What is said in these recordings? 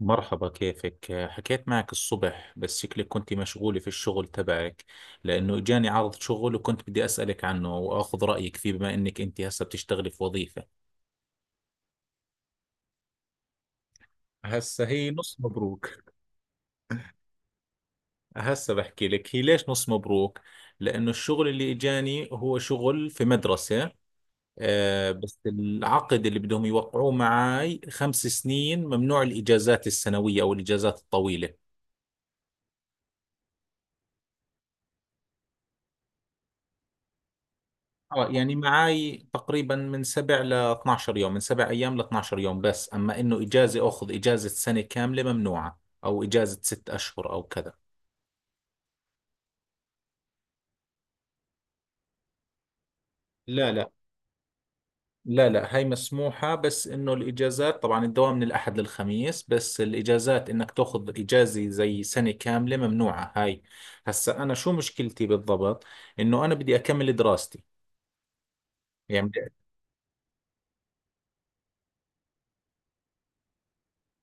مرحبا، كيفك؟ حكيت معك الصبح، بس شكلك كنت مشغولة في الشغل تبعك لأنه جاني عرض شغل وكنت بدي أسألك عنه وأخذ رأيك فيه، بما إنك أنت هسه بتشتغلي في وظيفة. هسه هي نص مبروك. هسه بحكي لك هي ليش نص مبروك؟ لأنه الشغل اللي إجاني هو شغل في مدرسة. آه، بس العقد اللي بدهم يوقعوه معي 5 سنين ممنوع الإجازات السنوية أو الإجازات الطويلة. اه، يعني معاي تقريبا من 7 ل 12 يوم، من 7 ايام ل 12 يوم. بس اما انه اجازة اخذ اجازة سنة كاملة ممنوعة، او اجازة 6 اشهر او كذا. لا. لا، هاي مسموحة. بس انه الاجازات، طبعا الدوام من الاحد للخميس، بس الاجازات انك تاخذ اجازة زي سنة كاملة ممنوعة هاي. هسا انا شو مشكلتي بالضبط؟ انه انا بدي اكمل دراستي. يعني بدي-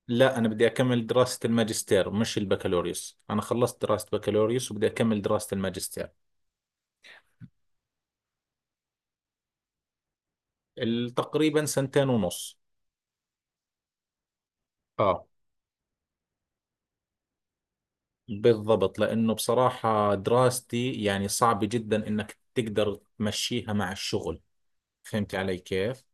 لا، انا بدي اكمل دراسة الماجستير مش البكالوريوس. انا خلصت دراسة بكالوريوس وبدي اكمل دراسة الماجستير. تقريبا سنتين ونص. اه، بالضبط. لأنه بصراحة دراستي يعني صعب جدا إنك تقدر تمشيها مع الشغل. فهمت علي كيف؟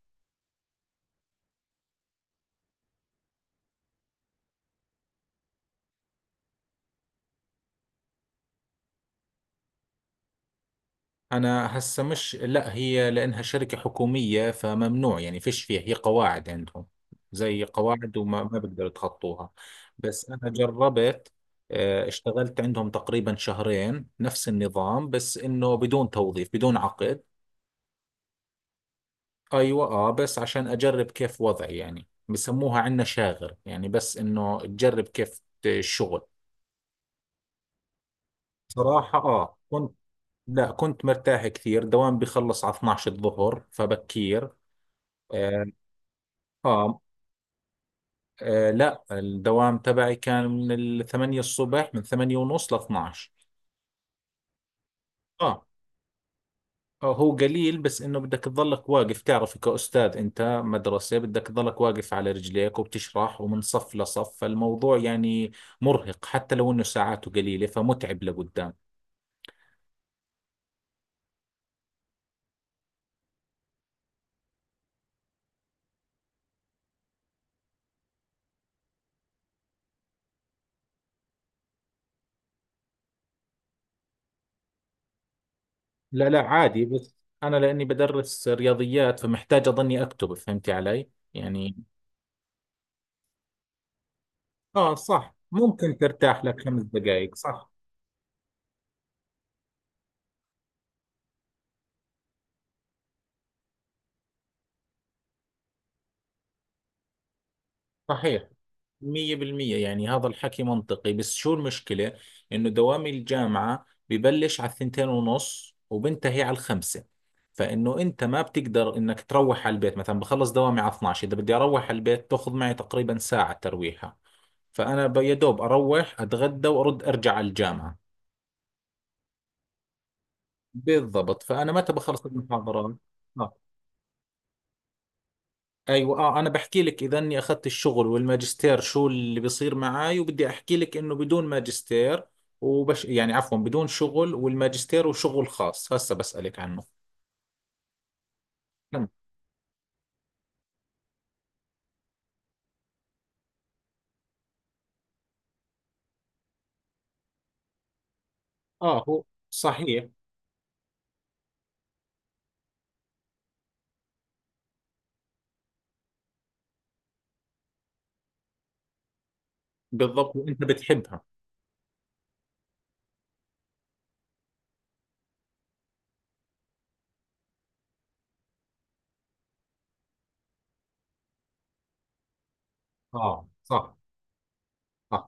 أنا هسه مش، لا، هي لأنها شركة حكومية، فممنوع يعني فيش فيها، هي قواعد عندهم زي قواعد وما ما بقدر يتخطوها. بس أنا جربت. اشتغلت عندهم تقريبا شهرين نفس النظام، بس إنه بدون توظيف بدون عقد. ايوه، اه بس عشان اجرب كيف وضعي. يعني بسموها عندنا شاغر، يعني بس انه تجرب كيف الشغل. صراحة اه كنت، لا كنت مرتاح كثير. دوام بخلص على 12 الظهر، فبكير. آه, آه, آه، لا الدوام تبعي كان من الثمانية الصبح، من ثمانية ونص ل 12. اه، هو قليل بس انه بدك تظلك واقف، تعرف كأستاذ، انت مدرسة بدك تظلك واقف على رجليك وبتشرح ومن صف لصف، فالموضوع يعني مرهق حتى لو انه ساعاته قليلة، فمتعب لقدام. لا، عادي، بس انا لاني بدرس رياضيات فمحتاج اظني اكتب، فهمتي علي يعني. اه صح، ممكن ترتاح لك 5 دقائق، صح. صحيح. 100%، يعني هذا الحكي منطقي. بس شو المشكلة؟ إنه دوام الجامعة ببلش على الثنتين ونص وبنتهي على الخمسة، فإنه أنت ما بتقدر إنك تروح على البيت مثلا. بخلص دوامي على 12، إذا بدي أروح على البيت تأخذ معي تقريبا ساعة ترويحة، فأنا يا دوب أروح أتغدى وأرد أرجع على الجامعة. بالضبط، فأنا متى بخلص المحاضرات؟ آه. ايوه، اه انا بحكي لك اذا اني اخذت الشغل والماجستير شو اللي بيصير معاي، وبدي احكي لك انه بدون ماجستير وبش يعني عفوا، بدون شغل، والماجستير وشغل خاص هسه بسألك عنه. تمام. اه، هو صحيح، بالضبط، وانت بتحبها. اه صح، صح،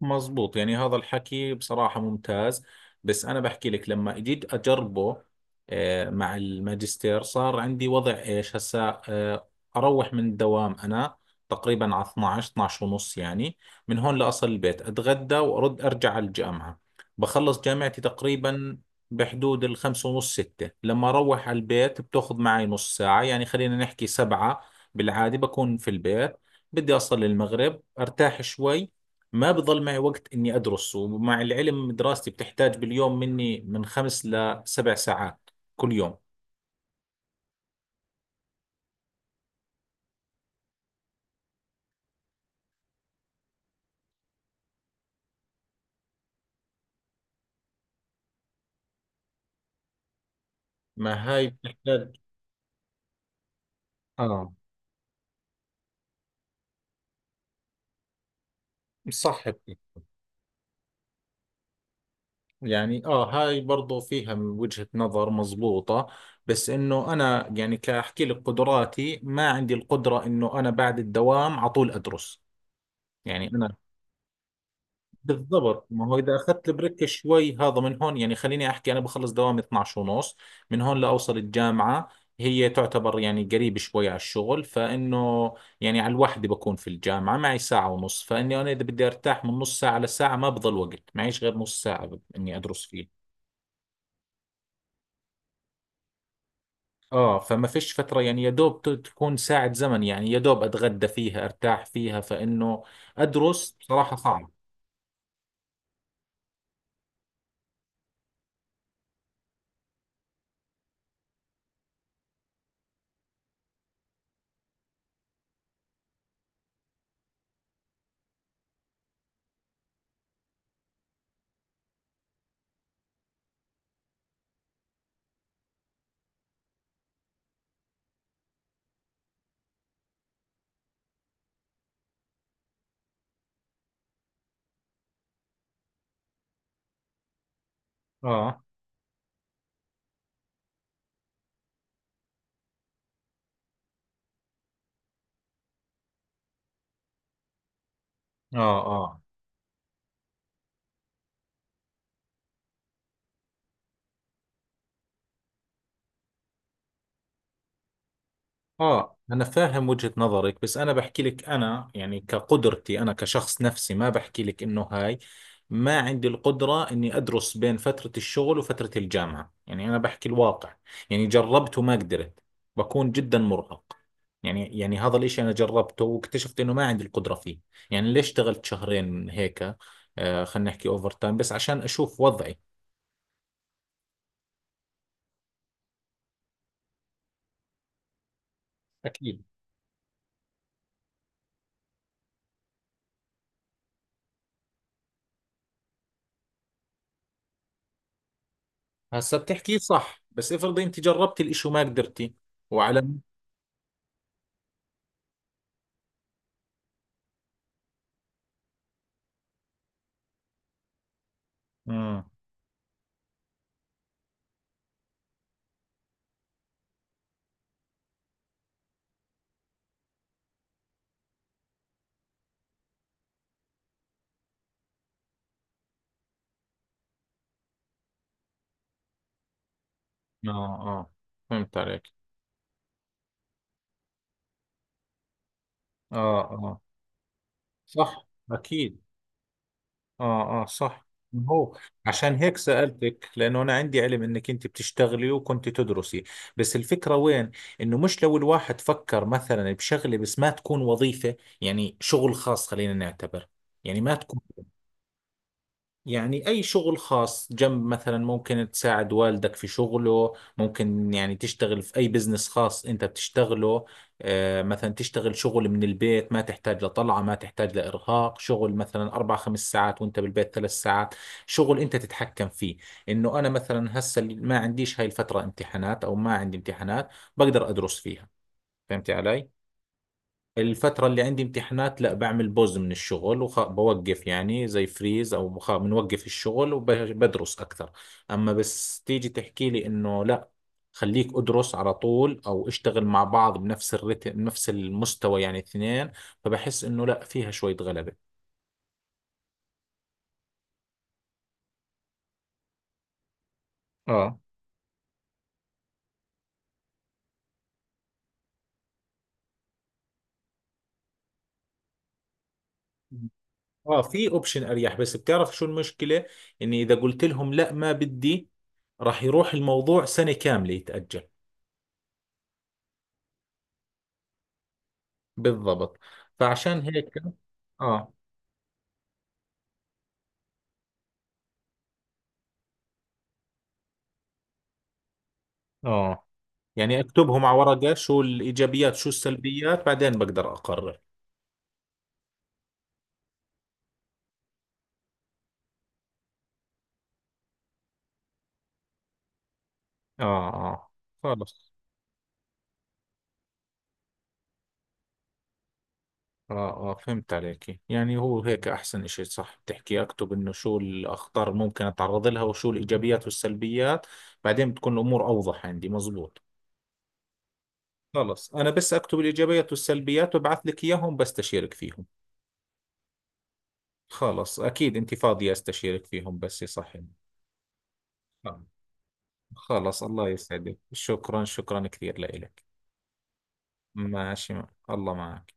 مزبوط. يعني هذا الحكي بصراحة ممتاز. بس أنا بحكي لك لما جيت أجربه، مع الماجستير صار عندي وضع إيش هسا. أروح من الدوام أنا تقريبا على 12، 12 ونص يعني. من هون لأصل البيت أتغدى وأرد أرجع على الجامعة. بخلص جامعتي تقريبا بحدود الخمسة ونص، ستة. لما أروح على البيت بتأخذ معي نص ساعة، يعني خلينا نحكي سبعة بالعادة بكون في البيت. بدي أصل المغرب أرتاح شوي. ما بضل معي وقت إني أدرس، ومع العلم دراستي بتحتاج باليوم مني من 5 ل7 ساعات كل يوم. ما هاي بتحتاج. آه صح بك. يعني آه، هاي برضو فيها من وجهة نظر مزبوطة، بس إنه أنا يعني كأحكي لك قدراتي ما عندي القدرة إنه أنا بعد الدوام على طول أدرس. يعني أنا، بالضبط. ما هو اذا اخذت البريك شوي، هذا من هون يعني خليني احكي، انا بخلص دوامي 12 ونص. من هون لاوصل الجامعه، هي تعتبر يعني قريب شوي على الشغل، فانه يعني على الوحده بكون في الجامعه، معي ساعه ونص، فاني انا اذا بدي ارتاح من نص ساعه لساعه ما بضل وقت معيش غير نص ساعه اني ادرس فيه. اه، فما فيش فتره، يعني يا دوب تكون ساعه زمن، يعني يا دوب اتغدى فيها ارتاح فيها، فانه ادرس بصراحه صعب. اه اه. اه، انا فاهم وجهة نظرك، بس انا بحكي لك انا يعني كقدرتي انا كشخص نفسي، ما بحكي لك انه هاي، ما عندي القدرة اني ادرس بين فترة الشغل وفترة الجامعة. يعني انا بحكي الواقع، يعني جربت وما قدرت. بكون جدا مرهق. يعني هذا الاشي انا جربته واكتشفت انه ما عندي القدرة فيه. يعني ليش اشتغلت شهرين هيك؟ آه، خلينا نحكي اوفر تايم بس عشان اشوف وضعي. اكيد. هسا بتحكي صح، بس افرضي انت جربتي الاشي وما قدرتي وعلى. مم. اه، فهمت عليك. اه، صح، اكيد. اه، صح. ما هو عشان هيك سألتك، لأنه أنا عندي علم إنك أنت بتشتغلي وكنت تدرسي. بس الفكرة وين؟ إنه مش لو الواحد فكر مثلا بشغلة بس ما تكون وظيفة، يعني شغل خاص خلينا نعتبر، يعني ما تكون، يعني أي شغل خاص جنب، مثلا ممكن تساعد والدك في شغله، ممكن يعني تشتغل في أي بزنس خاص أنت بتشتغله. مثلا تشتغل شغل من البيت ما تحتاج لطلعة، ما تحتاج لإرهاق. شغل مثلا أربع خمس ساعات وأنت بالبيت 3 ساعات، شغل أنت تتحكم فيه. إنه أنا مثلا هسه ما عنديش هاي الفترة امتحانات، أو ما عندي امتحانات بقدر أدرس فيها. فهمتي علي؟ الفترة اللي عندي امتحانات لا، بعمل بوز من الشغل وبوقف، يعني زي فريز او بنوقف الشغل وبدرس اكثر. اما بس تيجي تحكي لي انه لا، خليك ادرس على طول او اشتغل مع بعض بنفس الرتم نفس المستوى، يعني اثنين، فبحس انه لا، فيها شوية غلبة. اه اه، في اوبشن اريح. بس بتعرف شو المشكلة؟ اني اذا قلت لهم لا ما بدي، راح يروح الموضوع سنة كاملة يتأجل. بالضبط، فعشان هيك. اه اه، يعني اكتبهم على ورقة، شو الإيجابيات شو السلبيات، بعدين بقدر أقرر. آه. خلص. آه، فهمت عليك. يعني هو هيك أحسن إشي، صح بتحكي أكتب إنه شو الأخطار اللي ممكن أتعرض لها وشو الإيجابيات والسلبيات، بعدين بتكون الأمور أوضح عندي. مزبوط. خلص، أنا بس أكتب الإيجابيات والسلبيات وببعث لك إياهم بستشيرك فيهم. خلص، أكيد أنت فاضية أستشيرك فيهم، بس صح؟ خلص، الله يسعدك. شكرا، شكرا كثير لإلك. ماشي. الله معك.